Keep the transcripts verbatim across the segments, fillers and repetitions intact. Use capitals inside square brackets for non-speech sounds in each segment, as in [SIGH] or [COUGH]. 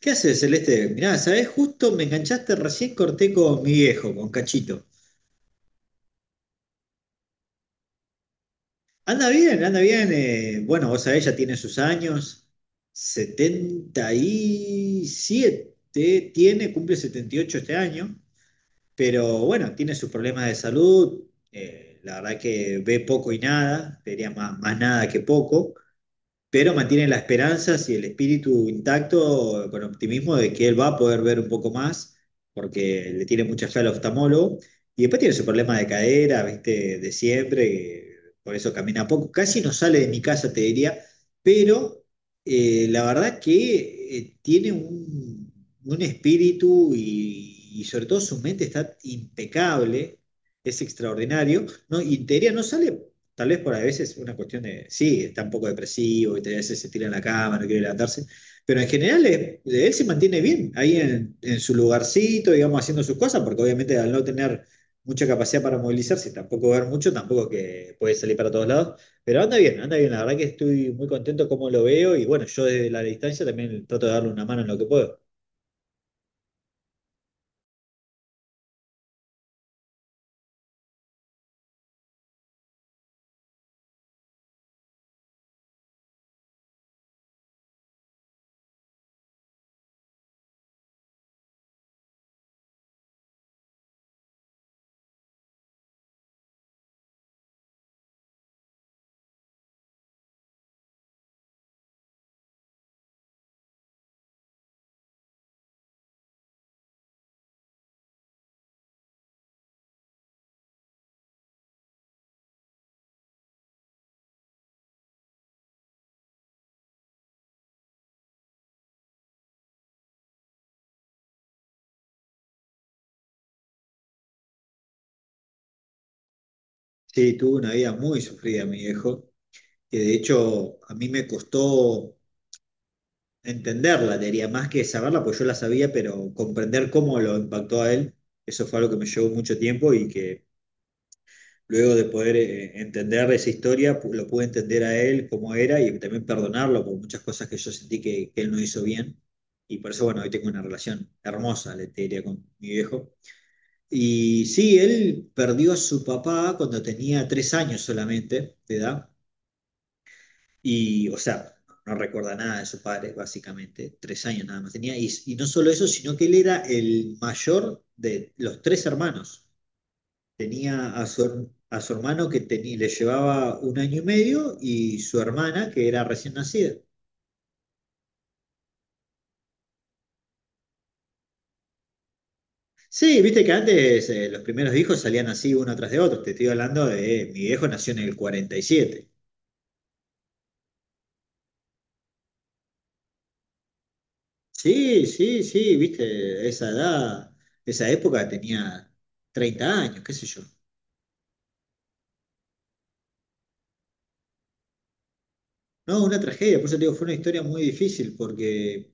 ¿Qué haces, Celeste? Mirá, ¿sabés? Justo me enganchaste, recién corté con mi viejo, con Cachito. Anda bien, anda bien. Eh, bueno, vos sabés, ya tiene sus años. Setenta y siete tiene, cumple setenta y ocho este año. Pero bueno, tiene sus problemas de salud. Eh, la verdad que ve poco y nada, diría más, más nada que poco. Pero mantienen la esperanza y el espíritu intacto, con optimismo de que él va a poder ver un poco más, porque le tiene mucha fe al oftalmólogo. Y después tiene su problema de cadera, viste, de siempre, que por eso camina poco. Casi no sale de mi casa, te diría, pero eh, la verdad que eh, tiene un, un espíritu y, y sobre todo su mente está impecable, es extraordinario, ¿no? Y te diría, no sale. Tal vez por a veces una cuestión de, sí, está un poco depresivo, y a veces se tira en la cama, no quiere levantarse, pero en general eh, él se mantiene bien ahí en, en su lugarcito, digamos, haciendo sus cosas, porque obviamente al no tener mucha capacidad para movilizarse, tampoco ver mucho, tampoco que puede salir para todos lados, pero anda bien, anda bien, la verdad que estoy muy contento como lo veo y bueno, yo desde la distancia también trato de darle una mano en lo que puedo. Sí, tuvo una vida muy sufrida mi viejo, que de hecho a mí me costó entenderla, te diría, más que saberla, pues yo la sabía, pero comprender cómo lo impactó a él, eso fue algo que me llevó mucho tiempo y que luego de poder eh, entender esa historia, pu- lo pude entender a él cómo era y también perdonarlo por muchas cosas que yo sentí que, que él no hizo bien. Y por eso, bueno, hoy tengo una relación hermosa, le te diría, con mi viejo. Y sí, él perdió a su papá cuando tenía tres años solamente de edad y, o sea, no recuerda nada de su padre, básicamente. Tres años nada más tenía. Y, y no solo eso, sino que él era el mayor de los tres hermanos. Tenía a su, her- a su hermano que tenía le llevaba un año y medio y su hermana que era recién nacida. Sí, viste que antes eh, los primeros hijos salían así uno tras de otro. Te estoy hablando de eh, mi viejo nació en el cuarenta y siete. Sí, sí, sí, viste, esa edad, esa época tenía treinta años, qué sé yo. No, una tragedia, por eso te digo, fue una historia muy difícil, porque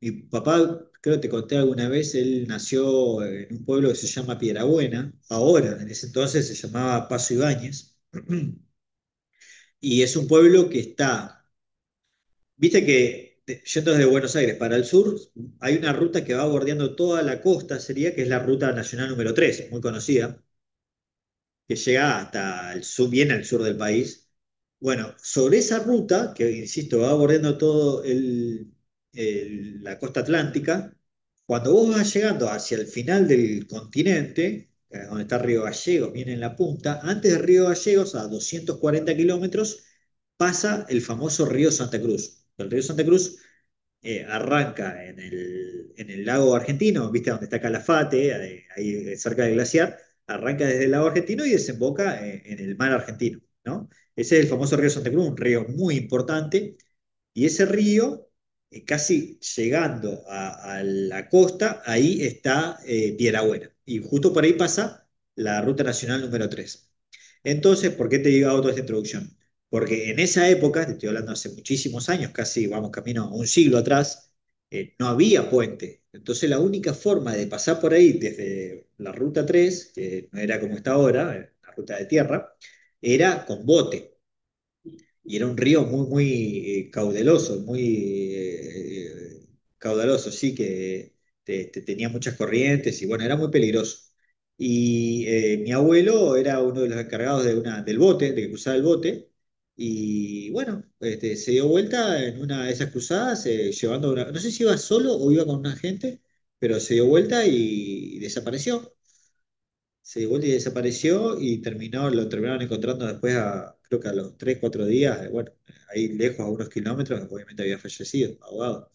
mi papá, creo que te conté alguna vez, él nació en un pueblo que se llama Piedrabuena, ahora, en ese entonces se llamaba Paso Ibáñez, [CLEARS THROAT] y es un pueblo que está, viste que, de- yendo desde Buenos Aires para el sur, hay una ruta que va bordeando toda la costa, sería que es la ruta nacional número tres, muy conocida, que llega hasta el sur, bien al sur del país. Bueno, sobre esa ruta, que insisto, va bordeando todo el, el- la costa atlántica, cuando vos vas llegando hacia el final del continente, eh, donde está Río Gallegos, viene en la punta, antes de Río Gallegos, a doscientos cuarenta kilómetros, pasa el famoso río Santa Cruz. El río Santa Cruz eh, arranca en el, en el lago argentino, ¿viste? Donde está Calafate, eh, ahí, eh, cerca del glaciar, arranca desde el lago argentino y desemboca eh, en el mar argentino, ¿no? Ese es el famoso río Santa Cruz, un río muy importante, y ese río, eh, casi llegando a, a la costa, ahí está, eh, Buena, y justo por ahí pasa la ruta nacional número tres. Entonces, ¿por qué te digo toda esta introducción? Porque en esa época, te estoy hablando hace muchísimos años, casi vamos camino a un siglo atrás, eh, no había puente. Entonces la única forma de pasar por ahí desde la ruta tres, que no era como está ahora, eh, la ruta de tierra, era con bote y era un río muy, muy, eh, caudaloso, muy, eh, eh, caudaloso, sí, que te- te- tenía muchas corrientes y bueno, era muy peligroso. Y eh, mi abuelo era uno de los encargados de una, del bote, de que cruzaba el bote, y bueno, este, se dio vuelta en una de esas cruzadas, eh, llevando una, no sé si iba solo o iba con una gente, pero se dio vuelta y desapareció se dio vuelta y desapareció y terminó, lo terminaron encontrando después a, creo que a los tres cuatro días, eh, bueno, ahí lejos, a unos kilómetros, obviamente había fallecido, ahogado.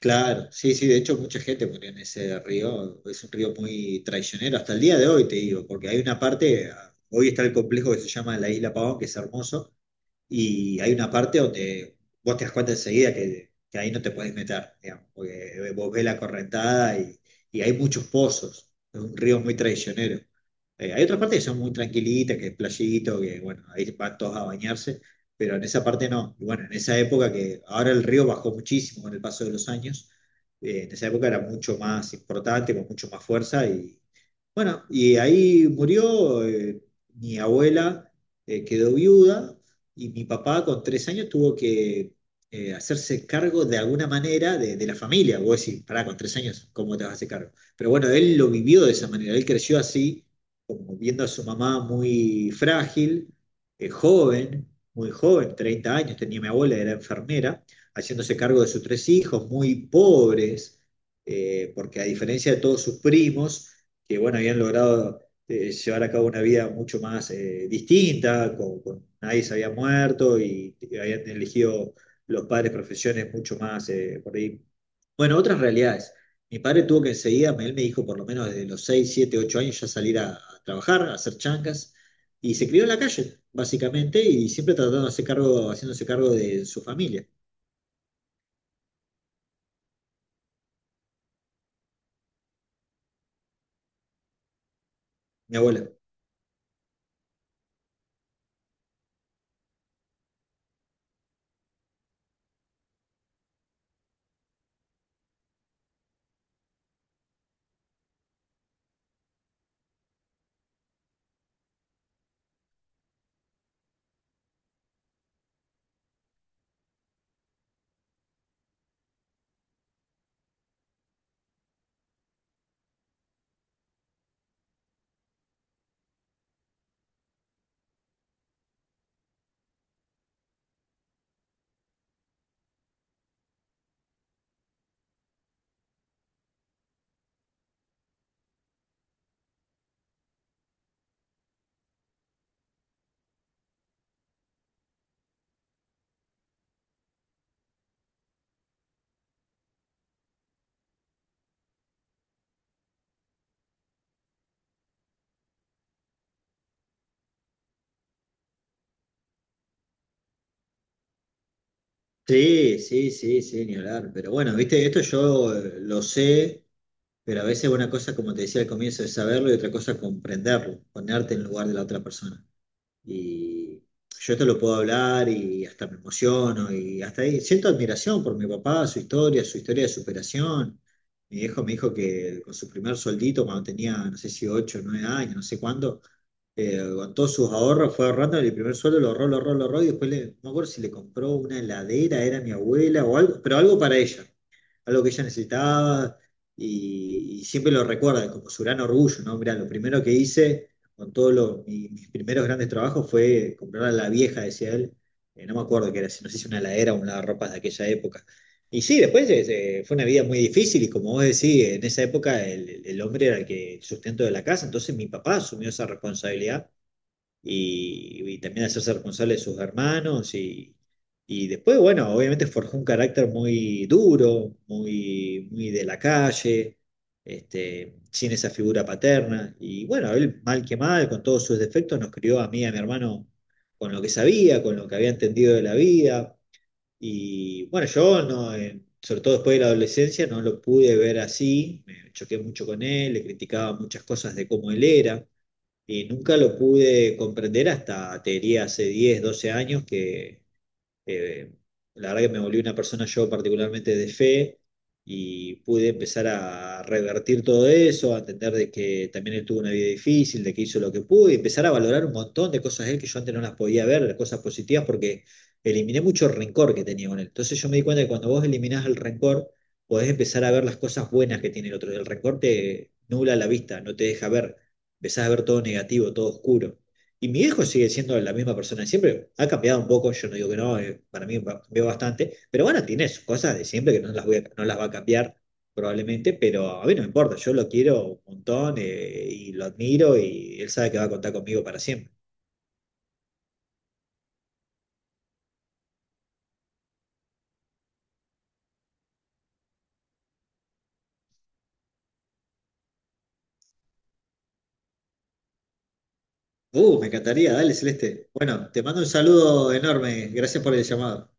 Claro, sí, sí, de hecho mucha gente murió en ese río, es un río muy traicionero, hasta el día de hoy te digo, porque hay una parte, ah, hoy está el complejo que se llama la Isla Pavón, que es hermoso. Y hay una parte donde vos te das cuenta enseguida que, que ahí no te puedes meter, digamos, porque vos ves la correntada y, y hay muchos pozos, es un río muy traicionero. Eh, hay otras partes que son muy tranquilitas, que es playito, que bueno, ahí van todos a bañarse, pero en esa parte no. Y bueno, en esa época que ahora el río bajó muchísimo con el paso de los años, eh, en esa época era mucho más importante, con mucho más fuerza y bueno, y ahí murió, eh, mi abuela, eh, quedó viuda y mi papá con tres años tuvo que eh, hacerse cargo de alguna manera de, de la familia. Vos decís, pará, con tres años, ¿cómo te vas a hacer cargo? Pero bueno, él lo vivió de esa manera, él creció así, como viendo a su mamá muy frágil, eh, joven, muy joven, treinta años, tenía mi abuela, era enfermera, haciéndose cargo de sus tres hijos, muy pobres, eh, porque a diferencia de todos sus primos, que bueno, habían logrado eh, llevar a cabo una vida mucho más eh, distinta, con, con- nadie se había muerto y, habían elegido los padres profesiones mucho más, eh, por ahí. Bueno, otras realidades. Mi padre tuvo que enseguida, él me dijo por lo menos desde los seis siete ocho años ya salir a, a trabajar, a hacer chancas, y se crió en la calle, básicamente, y siempre tratando de hacer cargo, haciéndose cargo de su familia, mi abuela. Sí, sí, sí, sí, ni hablar. Pero bueno, viste, esto yo, eh, lo sé. Pero a veces una cosa, como te decía al comienzo, es saberlo y otra cosa comprenderlo, ponerte en el lugar de la otra persona. Y yo esto lo puedo hablar y hasta me emociono y hasta ahí siento admiración por mi papá, su historia, su historia de superación. Mi viejo me dijo que con su primer soldito cuando tenía, no sé si ocho o nueve años, no sé cuándo, eh, con todos sus ahorros, fue ahorrando el primer sueldo, lo ahorró, lo ahorró, lo ahorró, y después le, no me acuerdo si le compró una heladera, era mi abuela o algo, pero algo para ella, algo que ella necesitaba, y, y siempre lo recuerda como su gran orgullo, ¿no? Mirá, lo primero que hice con todos mis primeros grandes trabajos fue comprar a la vieja, decía él, eh, no me acuerdo qué era, si no sé si una heladera o un lavarropas de aquella época. Y sí, después, eh, eh, fue una vida muy difícil y como vos decís, en esa época el, el hombre era el que el sustento de la casa, entonces mi papá asumió esa responsabilidad y, y también hacerse responsable de sus hermanos y, y después, bueno, obviamente forjó un carácter muy duro, muy, muy de la calle, este, sin esa figura paterna y bueno, él mal que mal, con todos sus defectos, nos crió a mí y a mi hermano con lo que sabía, con lo que había entendido de la vida y bueno, yo no... eh, sobre todo después de la adolescencia, no lo pude ver así, me choqué mucho con él, le criticaba muchas cosas de cómo él era, y nunca lo pude comprender hasta, te diría, hace diez doce años que eh, la verdad que me volví una persona yo particularmente de fe y pude empezar a revertir todo eso, a entender de que también él tuvo una vida difícil, de que hizo lo que pudo y empezar a valorar un montón de cosas de él que yo antes no las podía ver, las cosas positivas, porque eliminé mucho rencor que tenía con él. Entonces yo me di cuenta que cuando vos eliminás el rencor, podés empezar a ver las cosas buenas que tiene el otro. El rencor te nubla la vista, no te deja ver, empezás a ver todo negativo, todo oscuro. Y mi viejo sigue siendo la misma persona de siempre. Ha cambiado un poco, yo no digo que no, eh, para mí va- cambió bastante. Pero bueno, tiene sus cosas de siempre que no las, voy a- no las va a cambiar probablemente, pero a mí no me importa. Yo lo quiero un montón, eh, y lo admiro y él sabe que va a contar conmigo para siempre. Uh, me encantaría, dale, Celeste. Bueno, te mando un saludo enorme. Gracias por el llamado.